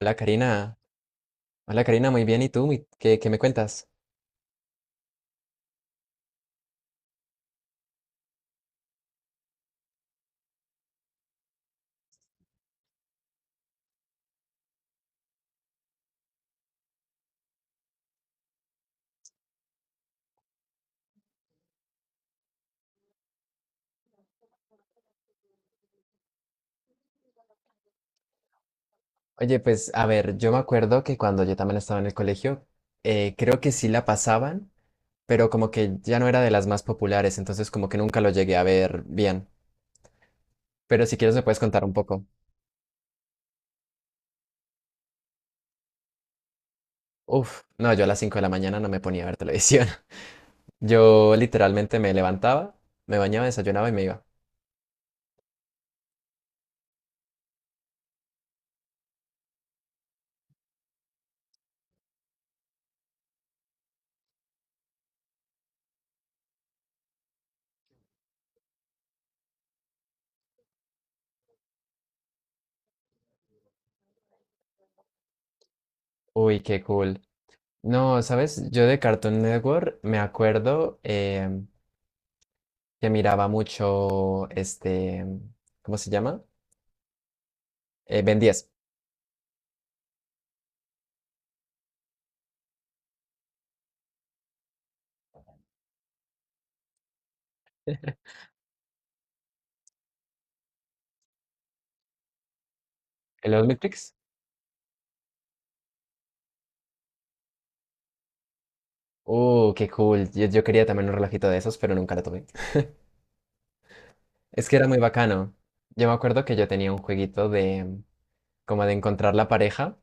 Hola Karina, muy bien. ¿Y tú? ¿Qué me cuentas? Oye, pues a ver, yo me acuerdo que cuando yo también estaba en el colegio, creo que sí la pasaban, pero como que ya no era de las más populares, entonces como que nunca lo llegué a ver bien. Pero si quieres me puedes contar un poco. Uf, no, yo a las 5 de la mañana no me ponía a ver televisión. Yo literalmente me levantaba, me bañaba, desayunaba y me iba. Uy, qué cool. No, ¿sabes? Yo de Cartoon Network me acuerdo, que miraba mucho este, ¿cómo se llama? Ben 10. ¿El de los Matrix? Qué cool. Yo quería también un relojito de esos, pero nunca lo tuve. Es que era muy bacano. Yo me acuerdo que yo tenía un jueguito de como de encontrar la pareja,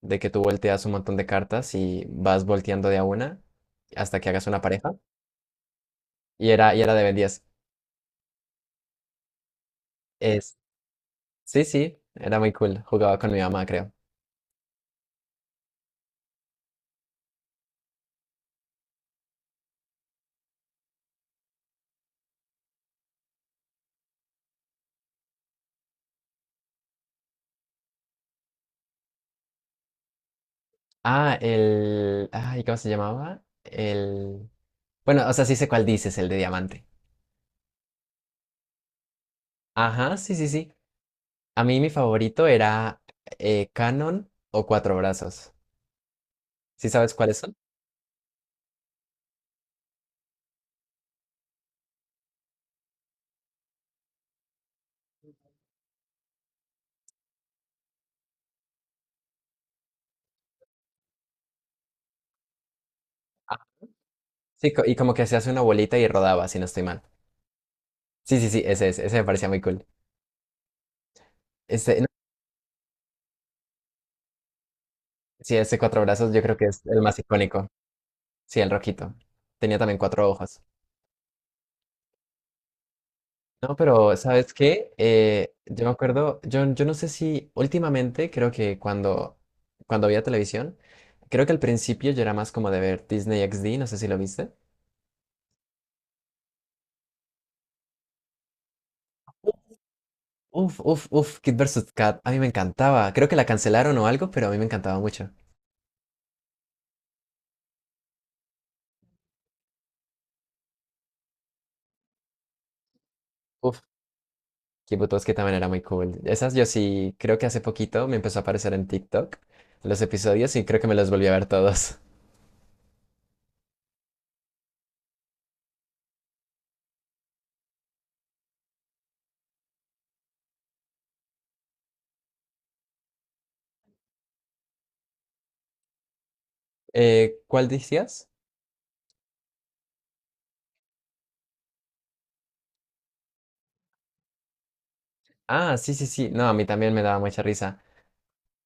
de que tú volteas un montón de cartas y vas volteando de a una hasta que hagas una pareja. Y era de Ben 10. Es, sí, sí, era muy cool. Jugaba con mi mamá, creo. Ah, el... Ay, ¿cómo se llamaba? El... Bueno, o sea, sí sé cuál dices, el de diamante. Ajá, sí, sí, sí. A mí mi favorito era Canon o Cuatro Brazos. ¿Sí sabes cuáles son? Ah, sí, y como que se hace una bolita y rodaba, si no estoy mal. Sí, sí, sí, ese me parecía muy cool. Este, no, sí, ese Cuatro Brazos yo creo que es el más icónico. Sí, el rojito. Tenía también cuatro ojos. No, pero ¿sabes qué? Yo me acuerdo, yo no sé si últimamente, cuando había televisión, creo que al principio yo era más como de ver Disney XD, no sé si lo viste. Uf, uf, uf, uf, Kid vs. Kat, a mí me encantaba. Creo que la cancelaron o algo, pero a mí me encantaba mucho. Uf, Kid que también era muy cool. Esas yo sí, creo que hace poquito me empezó a aparecer en TikTok los episodios y creo que me los volví a ver todos. ¿Cuál decías? Ah, sí, sí, sí. No, a mí también me daba mucha risa.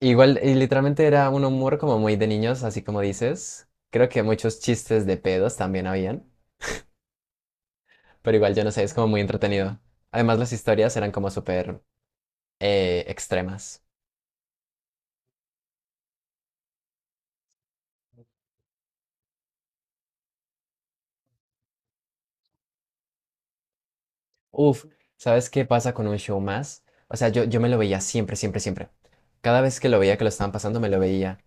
Igual, y literalmente era un humor como muy de niños, así como dices. Creo que muchos chistes de pedos también habían, pero igual yo no sé, es como muy entretenido. Además, las historias eran como súper extremas. Uf, ¿sabes qué pasa con un show más? O sea, yo me lo veía siempre, siempre, siempre. Cada vez que lo veía que lo estaban pasando, me lo veía.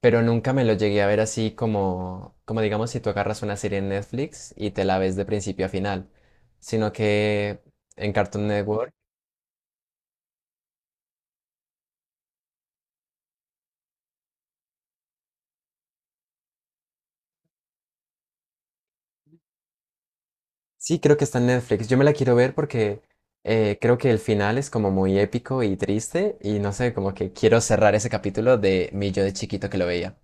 Pero nunca me lo llegué a ver así como, como digamos, si tú agarras una serie en Netflix y te la ves de principio a final, sino que en Cartoon Network. Sí, creo que está en Netflix. Yo me la quiero ver porque creo que el final es como muy épico y triste y no sé, como que quiero cerrar ese capítulo de mi yo de chiquito que lo veía.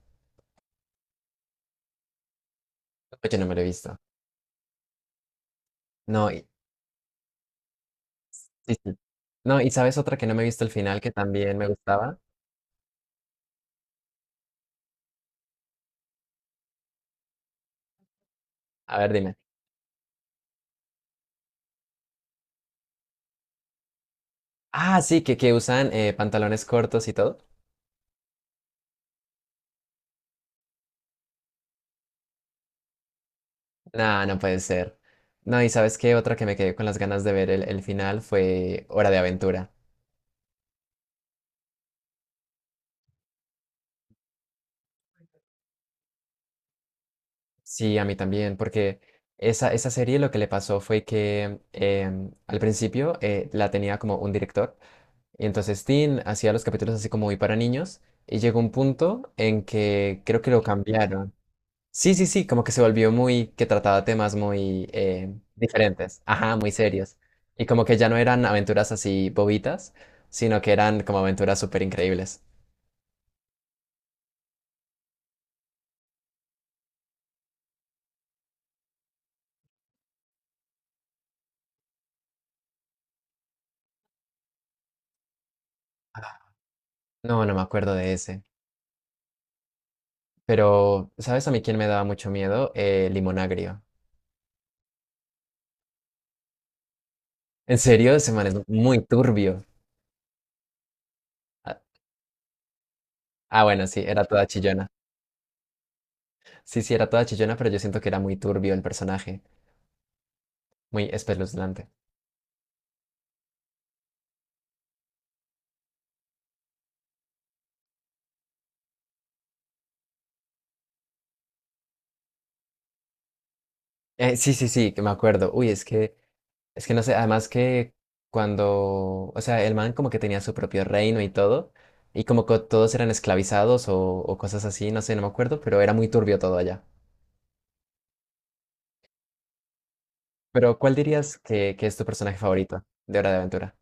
Yo no me lo he visto. No, y, sí, sí. No, ¿y sabes otra que no me he visto el final que también me gustaba? A ver, dime. Ah, sí, que usan pantalones cortos y todo. No, no puede ser. No, ¿y sabes qué? Otra que me quedé con las ganas de ver el final fue Hora de Aventura. Sí, a mí también, porque esa serie lo que le pasó fue que al principio la tenía como un director, y entonces Tim hacía los capítulos así como muy para niños, y llegó un punto en que creo que lo cambiaron. Sí, sí, sí, como que se volvió muy, que trataba temas muy diferentes, ajá, muy serios, y como que ya no eran aventuras así bobitas, sino que eran como aventuras súper increíbles. No, no me acuerdo de ese, pero ¿sabes a mí quién me daba mucho miedo? Limón Agrio. En serio, ese man es muy turbio. Ah, bueno, sí, era toda chillona. Sí, sí, era toda chillona, pero yo siento que era muy turbio el personaje, muy espeluznante. Sí, sí, sí, que me acuerdo. Uy, es que no sé, además que o sea, el man como que tenía su propio reino y todo, y como que todos eran esclavizados o cosas así, no sé, no me acuerdo, pero era muy turbio todo allá. Pero, ¿cuál dirías que es tu personaje favorito de Hora de Aventura?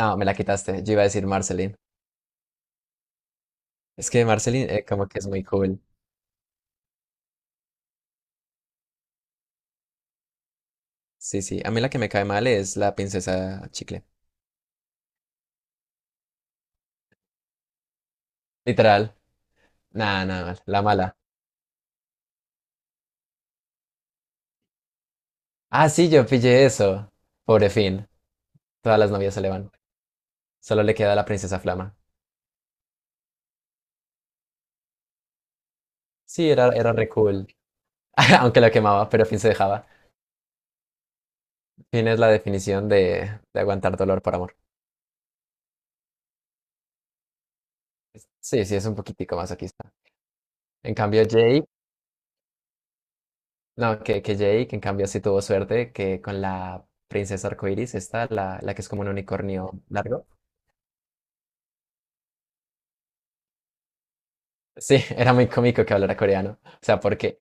No, me la quitaste, yo iba a decir Marceline. Es que Marceline como que es muy cool. Sí, sí. A mí la que me cae mal es la princesa chicle. Literal. Nada, nada mal. La mala. Ah, sí, yo pillé eso. Pobre Finn. Todas las novias se le van. Solo le queda la princesa Flama. Sí, era, era re cool. Aunque lo quemaba, pero Finn se dejaba. Finn es la definición de aguantar dolor por amor. Sí, sí, es un poquitico más aquí está. En cambio, Jake, no, que Jake, en cambio, sí tuvo suerte que con la princesa arcoiris, esta, la que es como un unicornio largo. Sí, era muy cómico que hablara coreano. O sea, porque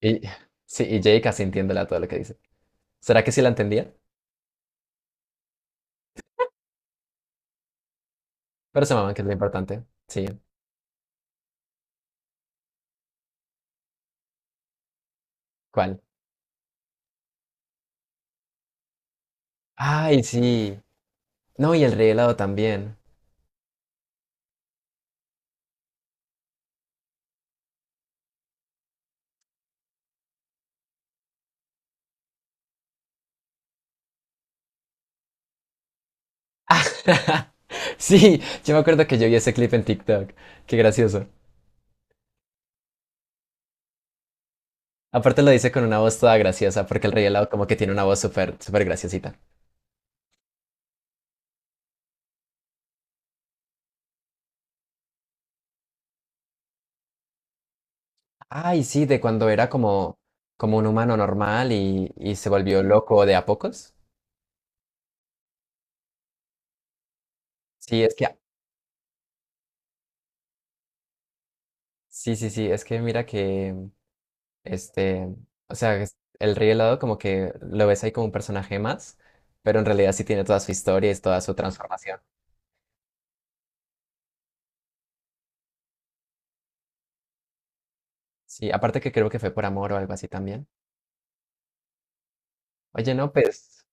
Y, sí, y Jake casi entiéndela todo lo que dice. ¿Será que sí la entendía? Pero se maman, que es lo importante. Sí, ¿cuál? Ay, sí. No, y el rey helado también. Ah, sí, yo me acuerdo que yo vi ese clip en TikTok. Qué gracioso. Aparte lo dice con una voz toda graciosa, porque el rey helado como que tiene una voz súper, súper graciosita. Ay, sí, de cuando era como, como un humano normal y se volvió loco de a pocos. Sí, es que, sí, sí, sí, es que mira que Este, el Rey Helado como que lo ves ahí como un personaje más, pero en realidad sí tiene toda su historia y es toda su transformación. Sí, aparte que creo que fue por amor o algo así también. Oye, no, pues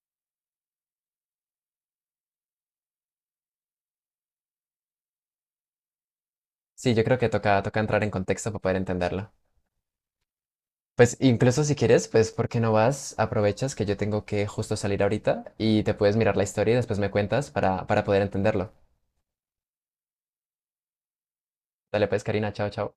sí, yo creo que toca, toca entrar en contexto para poder entenderlo. Pues incluso si quieres, pues ¿por qué no vas? Aprovechas que yo tengo que justo salir ahorita y te puedes mirar la historia y después me cuentas para poder entenderlo. Dale pues, Karina, chao, chao.